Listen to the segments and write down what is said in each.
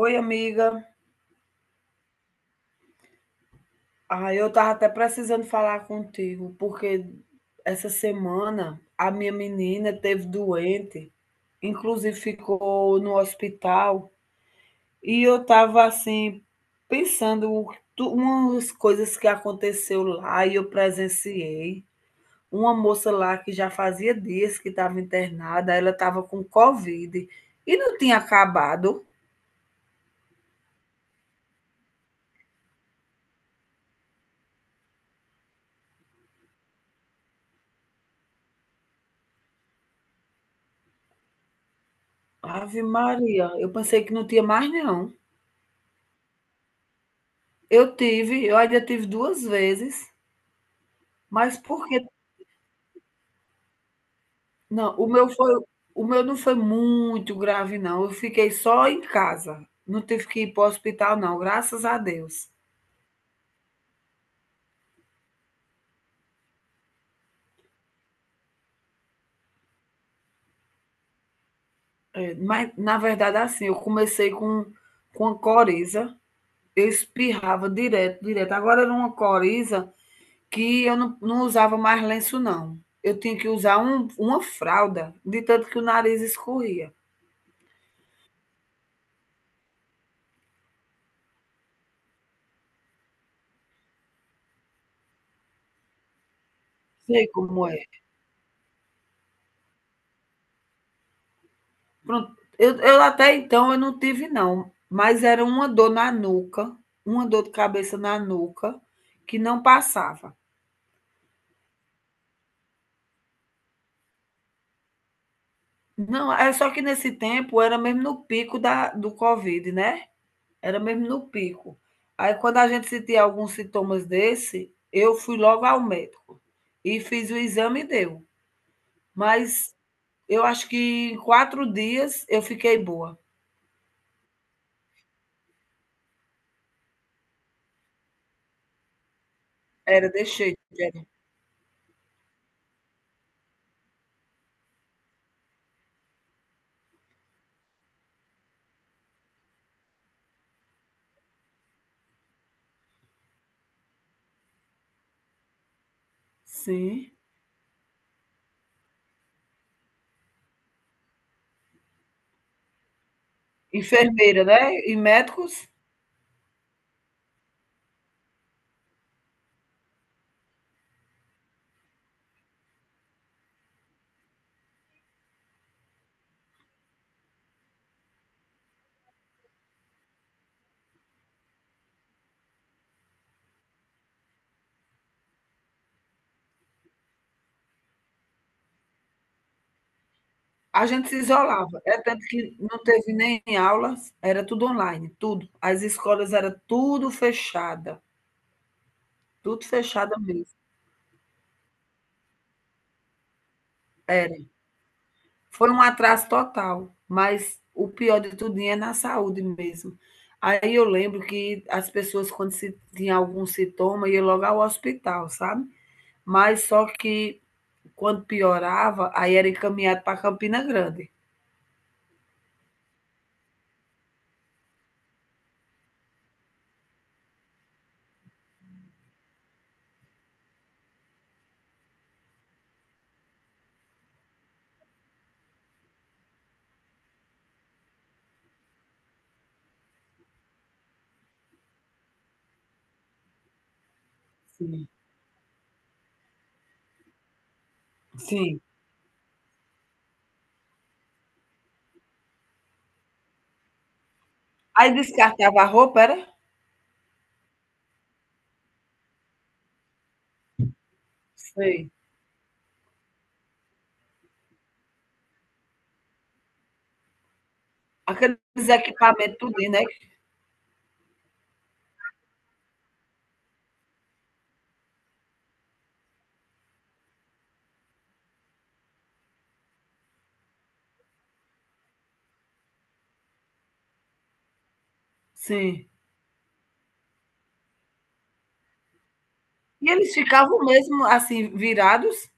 Oi, amiga. Ah, eu tava até precisando falar contigo, porque essa semana a minha menina teve doente, inclusive ficou no hospital, e eu tava assim pensando umas coisas que aconteceu lá e eu presenciei. Uma moça lá que já fazia dias que estava internada, ela estava com Covid e não tinha acabado. Ave Maria, eu pensei que não tinha mais não. Eu ainda tive 2 vezes, mas porque não, o meu não foi muito grave não, eu fiquei só em casa, não tive que ir para o hospital não, graças a Deus. É, mas na verdade assim, eu comecei com a coriza, eu espirrava direto, direto, agora era uma coriza que eu não usava mais lenço não, eu tinha que usar uma fralda, de tanto que o nariz escorria. Sei como é. Pronto. Eu até então eu não tive, não. Mas era uma dor na nuca, uma dor de cabeça na nuca, que não passava. Não, é só que nesse tempo era mesmo no pico do Covid, né? Era mesmo no pico. Aí quando a gente sentia alguns sintomas desse, eu fui logo ao médico e fiz o exame e deu. Mas eu acho que em 4 dias eu fiquei boa. Era, deixei. Era. Sim. Enfermeira, né? E médicos? A gente se isolava, é tanto que não teve nem aulas, era tudo online, tudo. As escolas era tudo fechada mesmo, era. Foi um atraso total, mas o pior de tudo é na saúde mesmo. Aí eu lembro que as pessoas quando se tinha algum sintoma ia logo ao hospital, sabe. Mas só que quando piorava, aí era encaminhado para Campina Grande. Sim, sim. Aí descartava a roupa, era? Sei. Aqueles equipamentos tudo, né? Sim. E eles ficavam mesmo assim, virados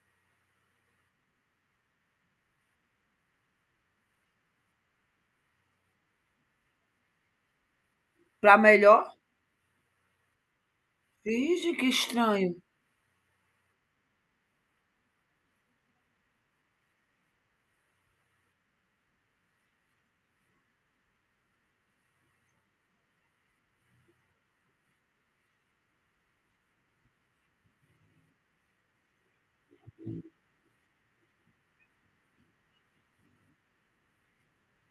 para melhor. Vixe, que estranho.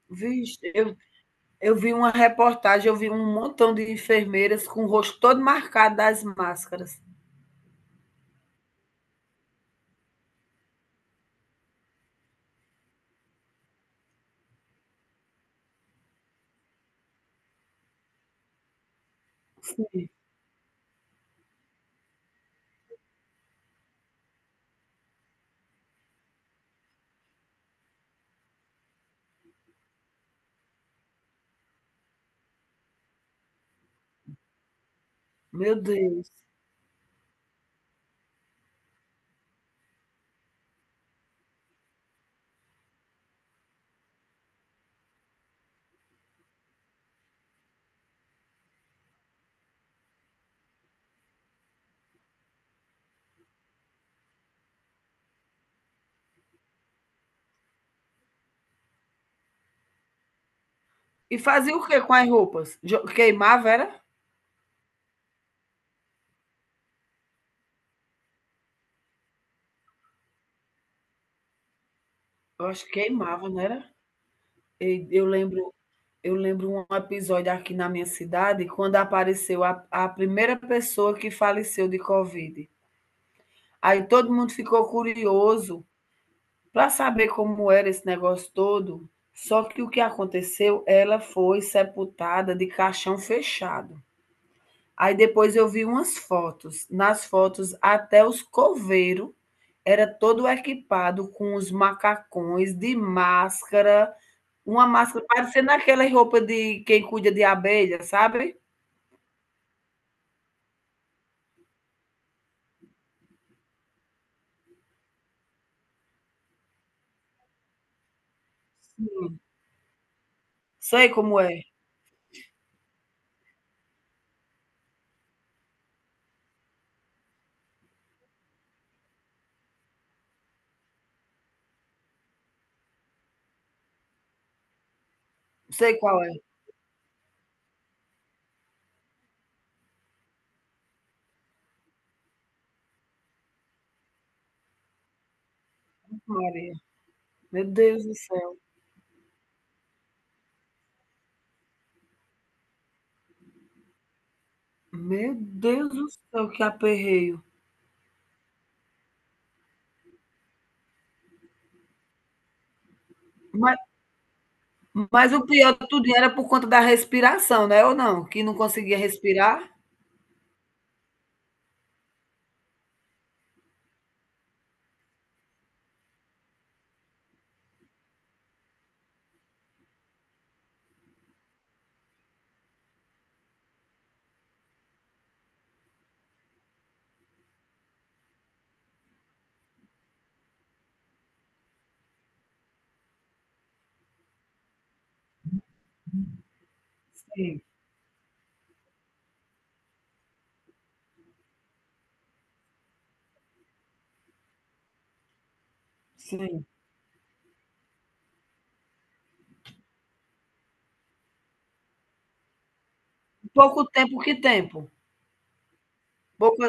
Vixe, eu vi uma reportagem, eu vi um montão de enfermeiras com o rosto todo marcado das máscaras. Sim, meu Deus. E fazia o que com as roupas? Jo- Queimava, era? Eu acho que queimava, não era? E Eu lembro, eu lembro um episódio aqui na minha cidade, quando apareceu a primeira pessoa que faleceu de Covid. Aí todo mundo ficou curioso para saber como era esse negócio todo, só que o que aconteceu, ela foi sepultada de caixão fechado. Aí depois eu vi umas fotos, nas fotos até os coveiro era todo equipado com os macacões de máscara, uma máscara parecendo aquela roupa de quem cuida de abelha, sabe? Sei como é, sei qual é. Maria, meu Deus do céu. Meu Deus do céu, que aperreio. Mas mas o pior de tudo era por conta da respiração, né, ou não? Que não conseguia respirar? Sim, sim. Pouco tempo, que tempo? Pouco,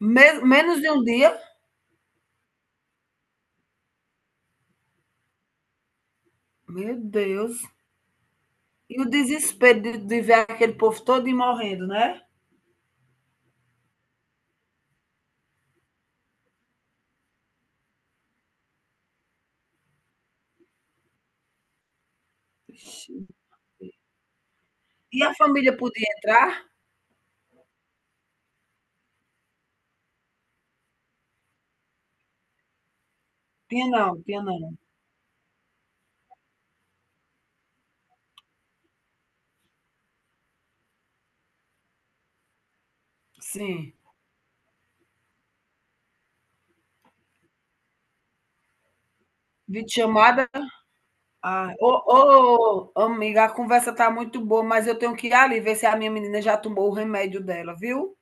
me menos de um dia? Meu Deus. E o desespero de ver aquele povo todo morrendo, né? Ixi. E a família podia entrar? Tinha não, tinha não. Sim. Videochamada? Ah, ô, ô, ô, amiga, a conversa tá muito boa, mas eu tenho que ir ali ver se a minha menina já tomou o remédio dela, viu?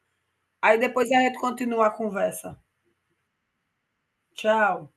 Aí depois a gente continua a conversa. Tchau.